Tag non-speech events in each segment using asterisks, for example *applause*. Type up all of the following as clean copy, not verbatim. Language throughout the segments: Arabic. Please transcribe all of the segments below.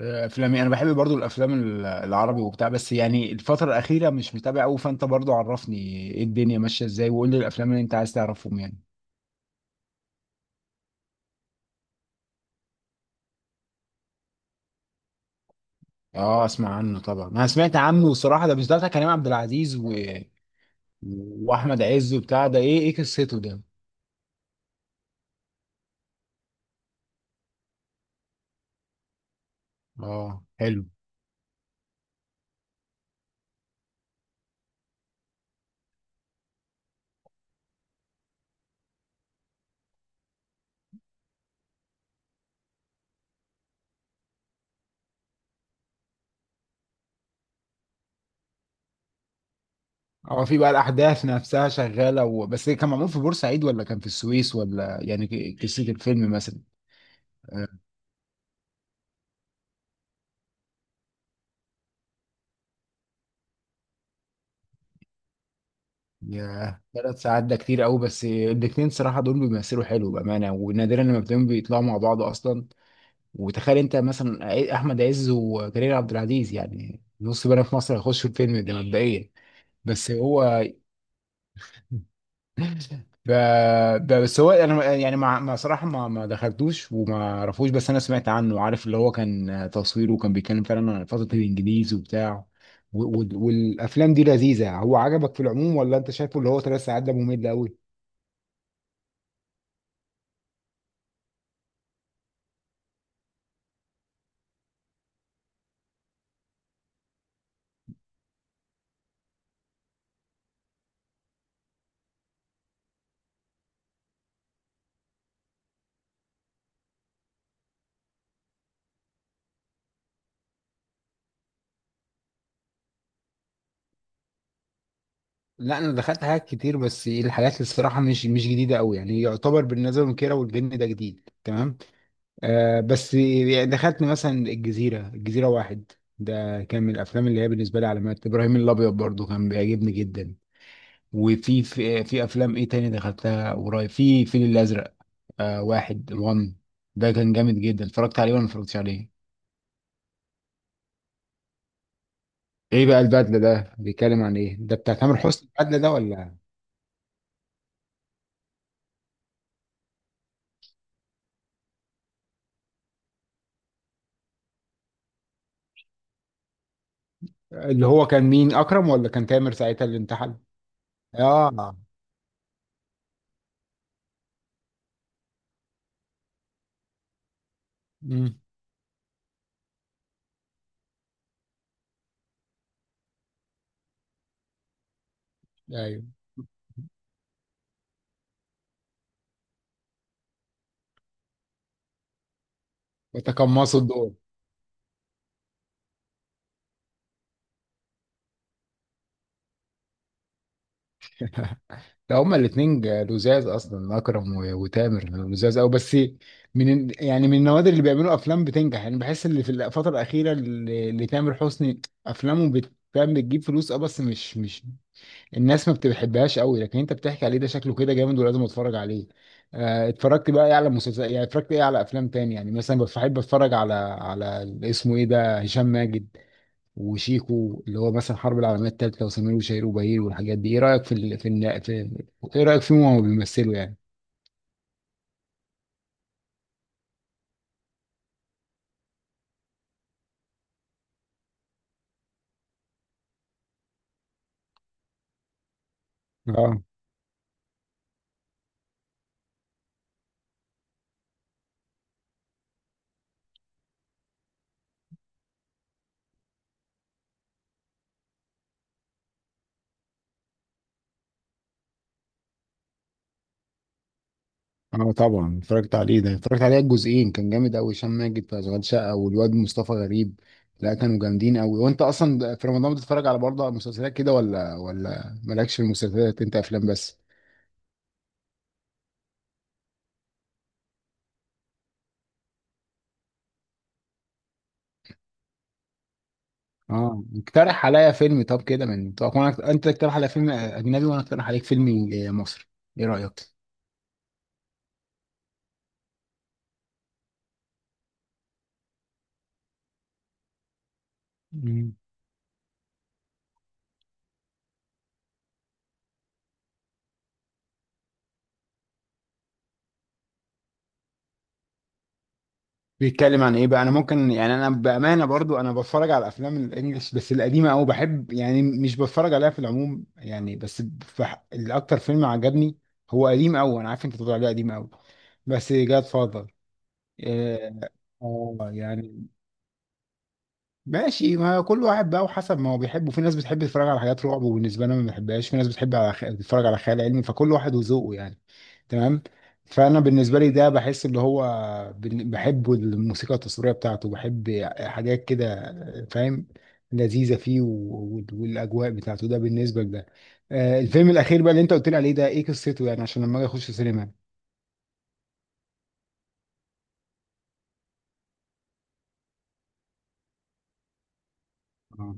افلامي انا بحب برضو الافلام العربي وبتاع، بس يعني الفتره الاخيره مش متابع قوي، فانت برضو عرفني ايه الدنيا ماشيه ازاي وقول لي الافلام اللي انت عايز تعرفهم يعني. اه اسمع عنه طبعا، انا سمعت عنه وصراحه ده مش ده بتاع كريم عبد العزيز واحمد عز وبتاع ده، ايه ايه قصته ده؟ اه حلو. اه في بقى الاحداث نفسها شغاله بس إيه، كان معمول في بورسعيد ولا كان في السويس ولا يعني قصه الفيلم مثلا؟ ياه ثلاث ساعات ده كتير قوي، بس الاتنين صراحة دول بيمثلوا حلو بأمانة، ونادرا لما بتلاقيهم بيطلعوا مع بعض أصلا. وتخيل أنت مثلا أحمد عز وكريم عبد العزيز، يعني نص بنا في مصر هيخشوا الفيلم ده مبدئيا. بس هو ب... بس هو انا يعني ما صراحه ما دخلتوش وما اعرفوش، بس انا سمعت عنه، عارف اللي هو كان تصويره وكان بيتكلم فعلا عن فتره الانجليز وبتاع. و... و... والافلام دي لذيذه. هو عجبك في العموم ولا انت شايفه اللي هو ثلاث ساعات ده ممل قوي؟ لا انا دخلت حاجات كتير، بس الحاجات اللي الصراحه مش جديده قوي، يعني يعتبر بالنسبه للكيره والجن ده جديد تمام. آه بس يعني دخلت مثلا الجزيره، الجزيره واحد ده كان من الافلام اللي هي بالنسبه لي علامات، ابراهيم الابيض برضو كان بيعجبني جدا. وفي في, في افلام ايه تاني دخلتها قريب؟ في الفيل الازرق، آه واحد وان ده كان جامد جدا، اتفرجت عليه ولا ما اتفرجتش عليه؟ ايه بقى البدله ده بيتكلم عن ايه؟ ده بتاع تامر حسني البدله ده ولا؟ اللي هو كان مين، اكرم ولا كان تامر ساعتها اللي انتحل؟ اه. امم ايوه. وتقمصوا الدور. ده هما الاثنين لزاز اصلا، اكرم وتامر، لزاز قوي. بس يعني من النوادر اللي بيعملوا افلام بتنجح، يعني بحس اللي في الفتره الاخيره اللي تامر حسني افلامه فاهم بتجيب فلوس، اه بس مش الناس ما بتحبهاش قوي، لكن انت بتحكي عليه ده شكله كده جامد ولازم اتفرج عليه. اتفرجت بقى ايه على مسلسل؟ يعني اتفرجت ايه على افلام تاني؟ يعني مثلا بحب اتفرج على على اسمه ايه ده، هشام ماجد وشيكو اللي هو مثلا الحرب العالميه الثالثه وسمير وشهير وبهير والحاجات دي. ايه رايك في ال... في, الن- في ايه رايك فيهم وهما بيمثلوا يعني؟ اه. اه طبعا اتفرجت عليه، ده اتفرجت عليها الجزئين، كان جامد قوي هشام ماجد في اشغال شقه والواد مصطفى غريب، لا كانوا جامدين قوي. وانت اصلا في رمضان بتتفرج على برضه مسلسلات كده ولا ولا مالكش في المسلسلات، انت افلام بس؟ اه اقترح عليا فيلم، طب كده من طب وانا انت تقترح على فيلم اجنبي وانا اقترح عليك فيلم مصري، ايه رايك؟ مم. بيتكلم عن ايه بقى؟ انا ممكن يعني انا بامانه برضو انا بتفرج على الافلام الانجليش بس القديمه قوي، بحب يعني مش بتفرج عليها في العموم يعني. بس الاكتر فيلم عجبني هو قديم قوي، انا عارف انت بتقول عليه قديم قوي، بس جاد فاذر. اه. آه، يعني ماشي، ما كل واحد بقى وحسب ما هو بيحبه، في ناس بتحب تتفرج على حاجات رعب وبالنسبه لنا ما بحبهاش، في ناس بتحب تتفرج على خيال علمي، فكل واحد وذوقه يعني. تمام. فانا بالنسبه لي ده بحس اللي هو بحب الموسيقى التصويريه بتاعته، بحب حاجات كده فاهم، لذيذه فيه و... و- والاجواء بتاعته ده بالنسبه لده. آه، الفيلم الاخير بقى اللي انت قلت لي عليه ده ايه قصته يعني عشان لما اجي اخش سينما؟ آه.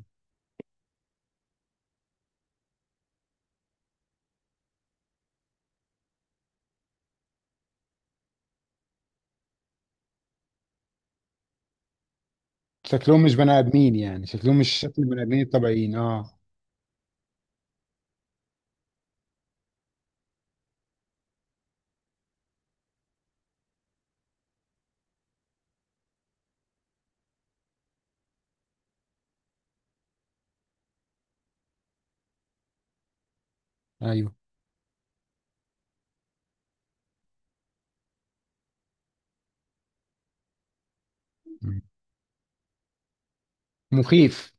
شكلهم مش بني ادمين يعني، شكلهم مش شكل البني ادمين الطبيعيين، اه. ايوه. مم. مخيف.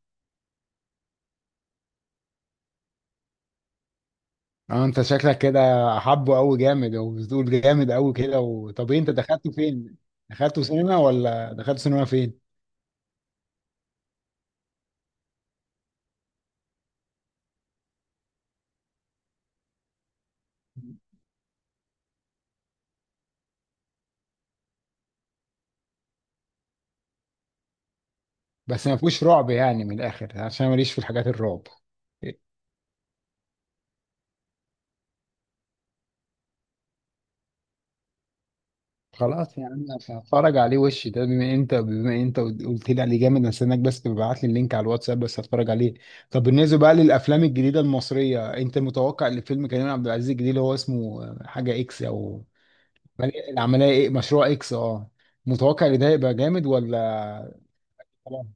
اه انت شكلك كده حبه قوي جامد، وبتقول جامد قوي كده. و... طب إيه انت دخلته فين؟ دخلته سينما ولا دخلته سينما فين؟ بس ما فيهوش رعب يعني من الاخر، عشان ماليش في الحاجات الرعب. خلاص يا عم، هتفرج عليه. وش ده، بما انت بما انت قلت لي عليه جامد، استناك بس تبعت لي اللينك على الواتساب بس هتفرج عليه. طب بالنسبه بقى للافلام الجديده المصريه، انت متوقع ان فيلم كريم عبد العزيز الجديد اللي هو اسمه حاجه اكس او العمليه ايه، مشروع اكس، اه متوقع ان ده هيبقى جامد ولا؟ طبعا.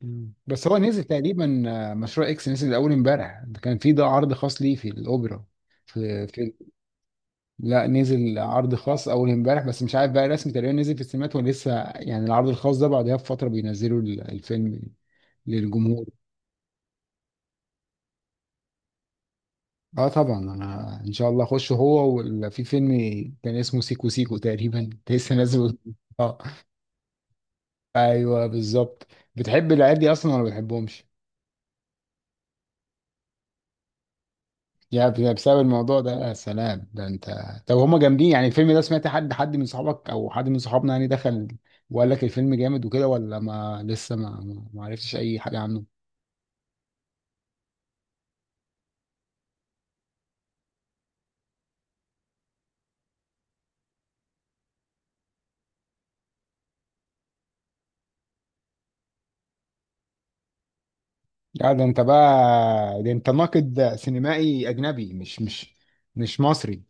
مم. بس هو نزل تقريبا، آه، مشروع اكس نزل اول امبارح، ده كان في ده عرض خاص ليه في الاوبرا. في في لا نزل عرض خاص اول امبارح، بس مش عارف بقى رسمي تقريبا نزل في السينمات ولا لسه، يعني العرض الخاص ده بعدها بفتره بينزلوا الفيلم للجمهور. اه طبعا، انا ان شاء الله اخش هو في فيلم كان اسمه سيكو سيكو تقريبا *laughs* لسه نازل. اه ايوه بالظبط. بتحب العيال دي اصلا ولا ما بتحبهمش؟ بسبب الموضوع ده يا سلام ده انت. طب هما جامدين يعني الفيلم ده؟ سمعت حد، حد من صحابك او حد من صحابنا يعني دخل وقال لك الفيلم جامد وكده؟ ولا ما لسه ما عرفتش اي حاجة عنه؟ لا ده انت بقى، ده انت ناقد سينمائي اجنبي مش مصري.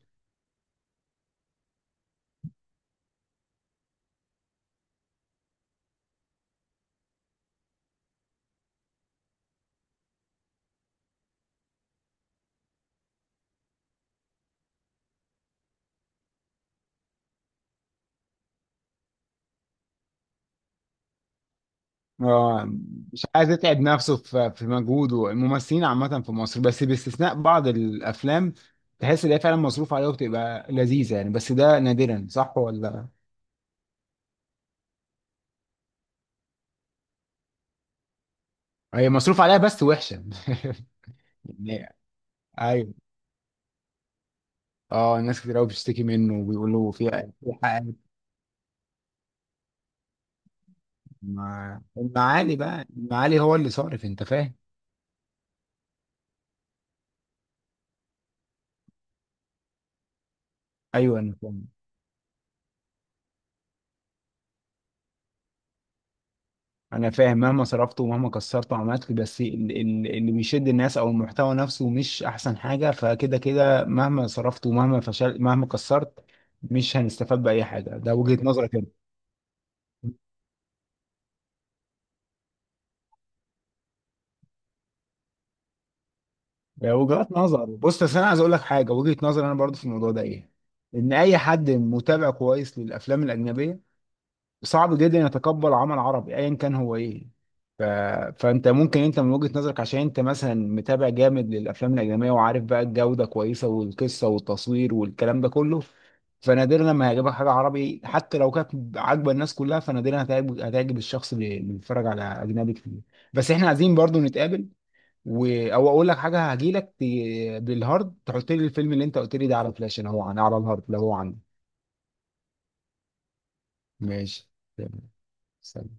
اه مش عايز يتعب نفسه في في مجهوده، الممثلين عامة في مصر، بس باستثناء بعض الافلام تحس ان هي فعلا مصروف عليها وبتبقى لذيذة يعني، بس ده نادرا، صح ولا؟ هي مصروف عليها بس وحشة. *laughs* يعني- ايوه. اه ناس كتير قوي بتشتكي منه وبيقولوا في في حاجات. المعالي بقى، المعالي هو اللي صارف، انت فاهم. ايوه انا فاهم، انا فاهم، مهما صرفت ومهما كسرت وعملت، بس اللي بيشد الناس او المحتوى نفسه مش احسن حاجه، فكده كده مهما صرفت ومهما فشل مهما كسرت مش هنستفاد باي حاجه، ده وجهه نظرك انت. ده وجهات نظر، بص بس انا عايز اقول لك حاجه، وجهه نظر انا برضو في الموضوع ده ايه، ان اي حد متابع كويس للافلام الاجنبيه صعب جدا يتقبل عمل عربي ايا كان هو ايه. ف... فانت ممكن انت من وجهة نظرك، عشان انت مثلا متابع جامد للافلام الاجنبيه وعارف بقى الجوده كويسه والقصه والتصوير والكلام ده كله، فنادرا لما هيعجبك حاجه عربي حتى لو كانت عاجبه الناس كلها، فنادرا هتعجب، هتعجب الشخص اللي بيتفرج على اجنبي كتير. بس احنا عايزين برضو نتقابل و... او اقول لك حاجه، هجيلك بالهارد، تحط لي الفيلم اللي انت قلت لي ده على فلاش، انا هو عن على الهارد لو هو عندي. ماشي. تمام. سلام.